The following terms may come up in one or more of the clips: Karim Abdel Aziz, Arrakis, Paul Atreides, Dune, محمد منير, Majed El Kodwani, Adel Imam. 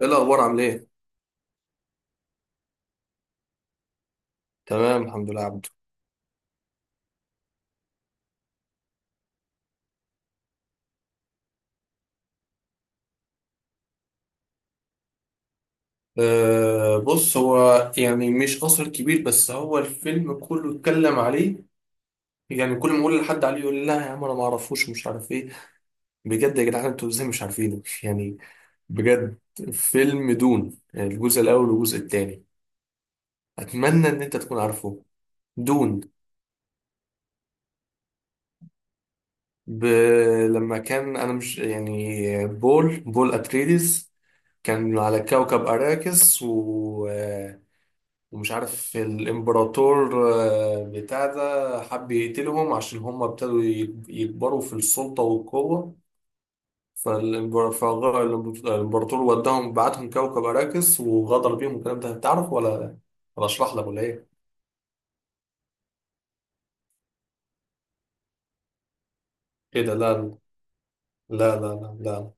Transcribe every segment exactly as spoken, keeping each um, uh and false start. ايه الاخبار عامل ايه؟ تمام الحمد لله عبده. أه بص، هو يعني مش اثر كبير، بس هو الفيلم كله اتكلم عليه. يعني كل ما اقول لحد عليه يقول لي لا يا عم انا ما اعرفوش مش عارف ايه. بجد يا جدعان انتوا ازاي مش عارفينه يعني. بجد. فيلم دون، يعني الجزء الاول والجزء الثاني. اتمنى ان انت تكون عارفه. دون. ب... لما كان انا مش يعني بول بول اتريديس، كان على كوكب أراكس و... آه، ومش عارف الامبراطور آه، بتاع ده حب يقتلهم عشان هم ابتدوا يك- يكبروا في السلطة والقوة. فالإمبرا- فالإمبرا- فالامبراطور وداهم، بعتهم كوكب أراكس وغدر بيهم والكلام ده. تعرف ولا ولا اشرح لك ولا ايه؟ ايه ده، لا لا لا لا لا.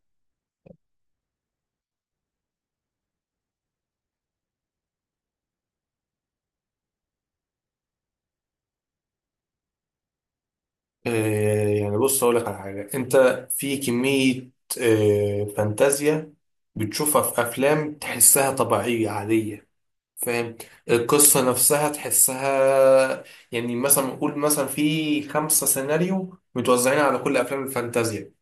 إيه يعني، بص اقول لك على حاجة، انت في كمية إيه، فانتازيا بتشوفها في افلام تحسها طبيعية عادية. فاهم؟ القصة نفسها تحسها، يعني مثلا نقول مثلا في خمسة سيناريو متوزعين على كل أفلام الفانتازيا.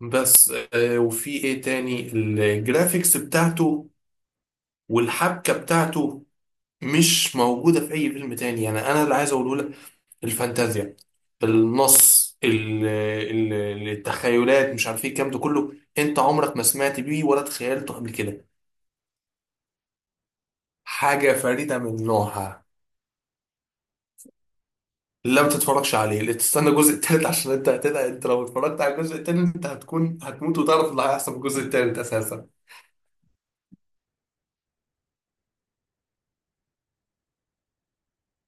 بس آه، وفي إيه تاني، الجرافيكس بتاعته والحبكة بتاعته مش موجودة في أي فيلم تاني. يعني أنا اللي عايز أقوله لك، الفانتازيا، النص ال- ال- التخيلات مش عارف إيه الكلام ده كله، أنت عمرك ما سمعت بيه ولا تخيلته قبل كده. حاجة فريدة من نوعها. لا ما تتفرجش عليه، لا تستنى الجزء التالت، عشان انت هتدعي، انت لو اتفرجت على الجزء التاني انت هتكون هتموت وتعرف اللي هيحصل في الجزء التالت اساسا.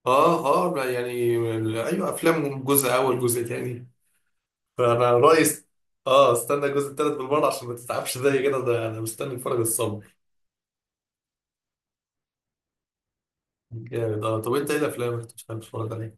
اه. اه يعني، ايوه افلامهم جزء اول جزء تاني. فانا رأيي است- اه استنى الجزء التالت بالمره عشان ما تتعبش زي كده، ده انا مستني اتفرج الصبر. جامد اه. طب انت ايه الافلام اللي كنت بتحب تتفرج عليها؟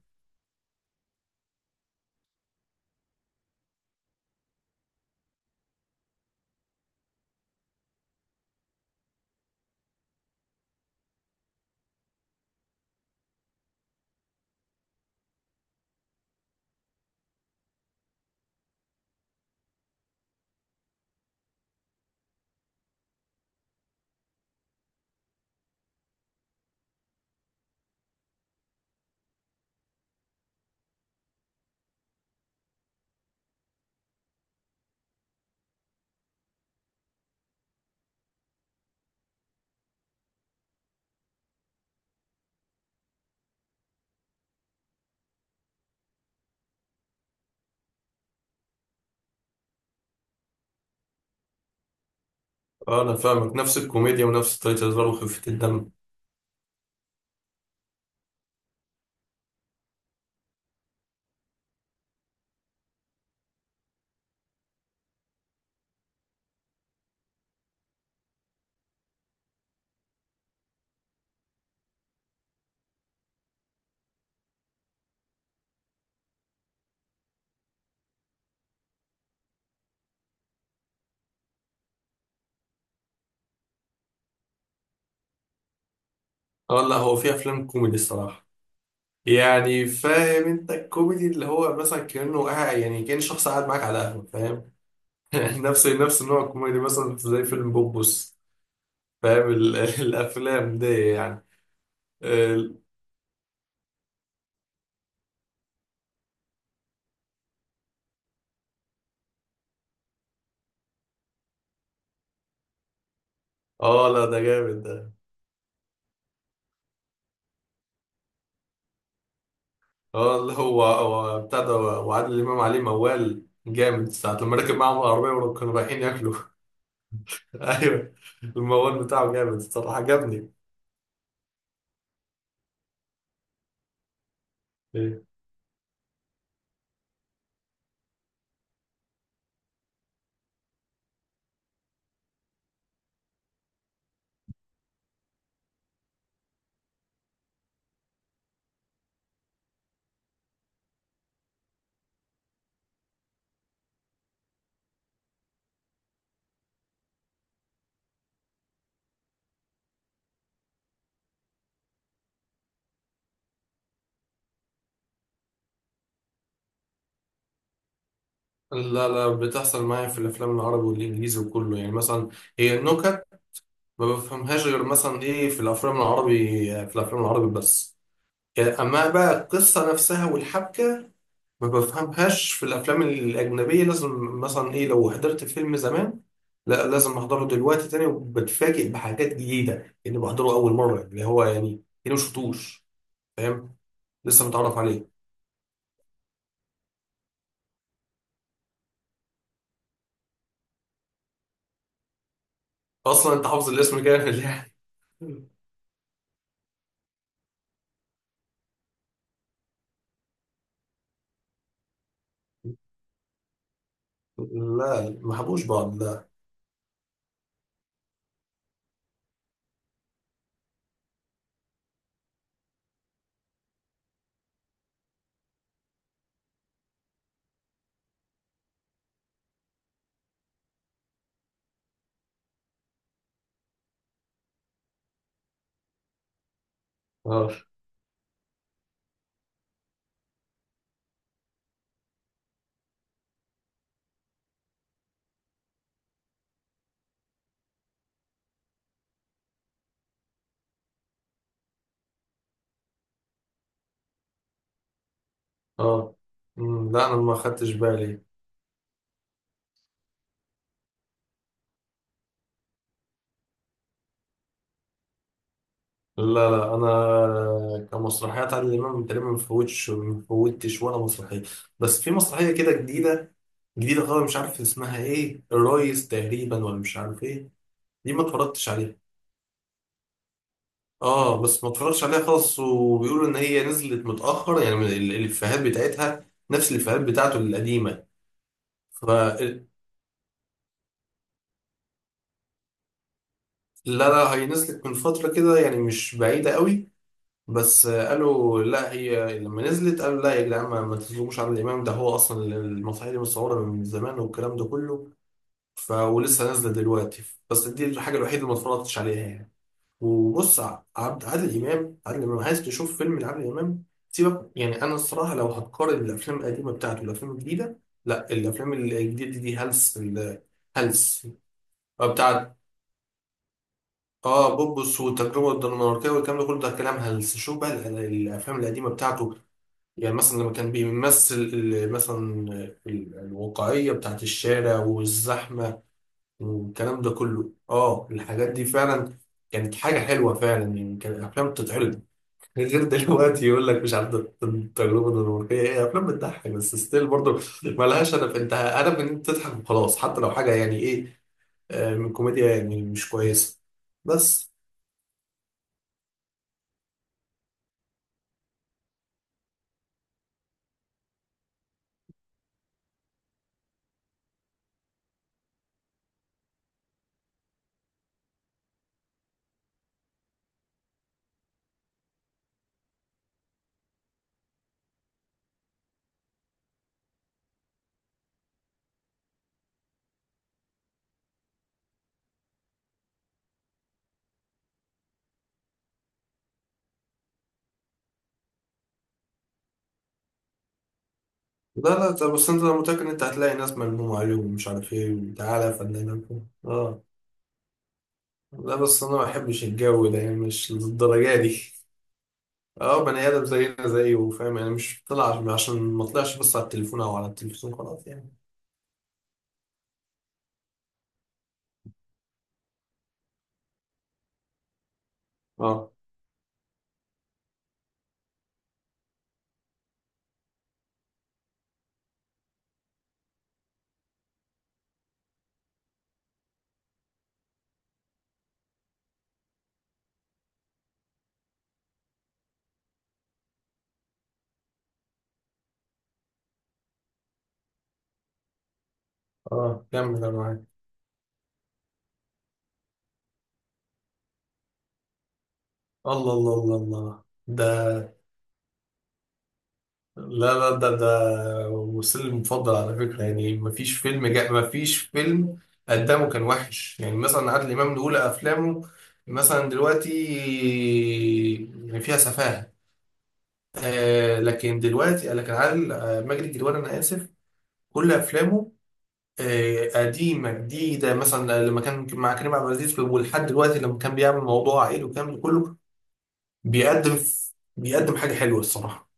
اه انا فاهمك، نفس الكوميديا ونفس طريقه الهزار وخفه الدم. اه لا، هو في افلام كوميدي الصراحه. يعني فاهم انت، الكوميدي اللي هو مثلا كأنه قاعد، يعني كأن شخص قاعد معاك على قهوة. فاهم؟ نفس نفس النوع الكوميدي، مثلا زي فيلم بوبوس. فاهم ال- الافلام دي يعني. ال- اه لا ده جامد ده. اه اللي هو، هو بتاع ده وعادل امام عليه موال جامد ساعة لما ركب معاهم العربية وكانوا رايحين ياكلوا. ايوه. الموال بتاعه جامد الصراحة، عجبني. إيه. لا لا، بتحصل معايا في الافلام العربي والانجليزي وكله، يعني مثلا هي النكت ما بفهمهاش غير مثلا ايه، في الافلام العربي. في الافلام العربي بس يعني. اما بقى القصه نفسها والحبكه، ما بفهمهاش في الافلام الاجنبيه. لازم مثلا ايه، لو حضرت فيلم زمان لا لازم احضره دلوقتي تاني، وبتفاجئ بحاجات جديده اني بحضره اول مره، اللي هو يعني كده ما شفتوش. فاهم؟ لسه متعرف عليه. اصلا انت حافظ الاسم كامل يعني. لا ما حبوش بعض لا. اه اه. أمم، لا انا ما خدتش بالي. لا لا انا كمسرحيات عادل امام تقريبا ما فوتش ما فوتش ولا مسرحيه. بس في مسرحيه كده جديده، جديده خالص، مش عارف اسمها ايه، الريس تقريبا، ولا مش عارف ايه. دي ما اتفرجتش عليها. اه بس ما اتفرجتش عليها خالص، وبيقولوا ان هي نزلت متاخر، يعني من ال- الافيهات بتاعتها نفس الافيهات بتاعته القديمه. ف لا لا، هي نزلت من فتره كده يعني، مش بعيده قوي. بس آه، قالوا لا، هي لما نزلت قالوا لا يا جدعان ما ما تظلموش عادل امام، ده هو اصلا اللي المسرحيه دي متصوره من زمان والكلام ده كله. ف ولسه نازله دلوقتي. بس دي الحاجه الوحيده اللي ما اتفرجتش عليها يعني. وبص، ع- عبد عادل امام عادل امام، عايز تشوف فيلم لعادل امام؟ سيبك، يعني انا الصراحه لو هتقارن الافلام القديمه بتاعته والافلام الجديده، لا الافلام الجديده دي هلس. ال- هلس آه، بتاعت، اه بوبس والتجربه الدنماركيه والكلام ده كله، ده كلام هلس. شوف بقى ال- الافلام القديمه بتاعته، يعني مثلا لما كان بيمثل ال- مثلا ال- الواقعية بتاعت الشارع والزحمة والكلام ده كله، اه الحاجات دي فعلا كانت حاجة حلوة فعلا يعني. كان الأفلام بتتعرض غير دلوقتي، يقول لك مش عارف ده التجربة الدنماركية. هي أفلام بتضحك بس، ستيل برضه مالهاش هدف، أنت هدف إن أنت تضحك وخلاص، حتى لو حاجة يعني إيه، آه، من كوميديا يعني مش كويسة. بس لا لا طب، بس أنت، أنا متأكد إن أنت هتلاقي ناس ملمومة عليهم ومش عارف إيه، وتعالى يا فنان. اه لا بس انا ما بحبش الجو ده يعني، مش للدرجه دي. اه، بني ادم زينا زيه فاهم، يعني مش طلع عشان، عشان ما طلعش، بس على التليفون او على التلفزيون خلاص يعني. اه. اه كمل انا معاك. الله الله الله الله ده. لا لا ده ده وسيلي المفضل على فكره يعني، ما فيش فيلم جا ما فيش فيلم قدامه كان وحش، يعني مثلا عادل امام من اولى افلامه مثلا دلوقتي يعني فيها سفاهه، آه لكن دلوقتي، لكن عادل آه ماجد الكدواني انا اسف، كل افلامه آه، قديمه جديده، مثلا لما كان مع كريم عبد العزيز ولحد دلوقتي لما كان بيعمل موضوع عائلي والكلام ده كله، بيقدم، بيقدم حاجه حلوه الصراحه.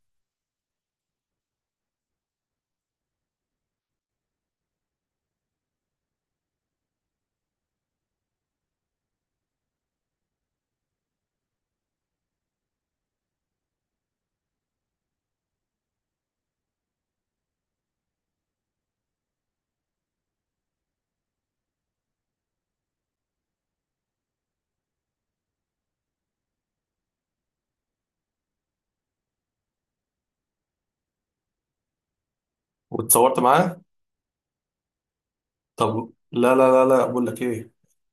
واتصورت معاه؟ طب لا لا لا لا بقول لك ايه،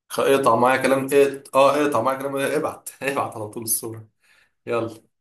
خ- اقطع معايا كلام ايه، اه اقطع معايا كلام إيه؟ ابعت، ابعت على طول الصوره. يلا.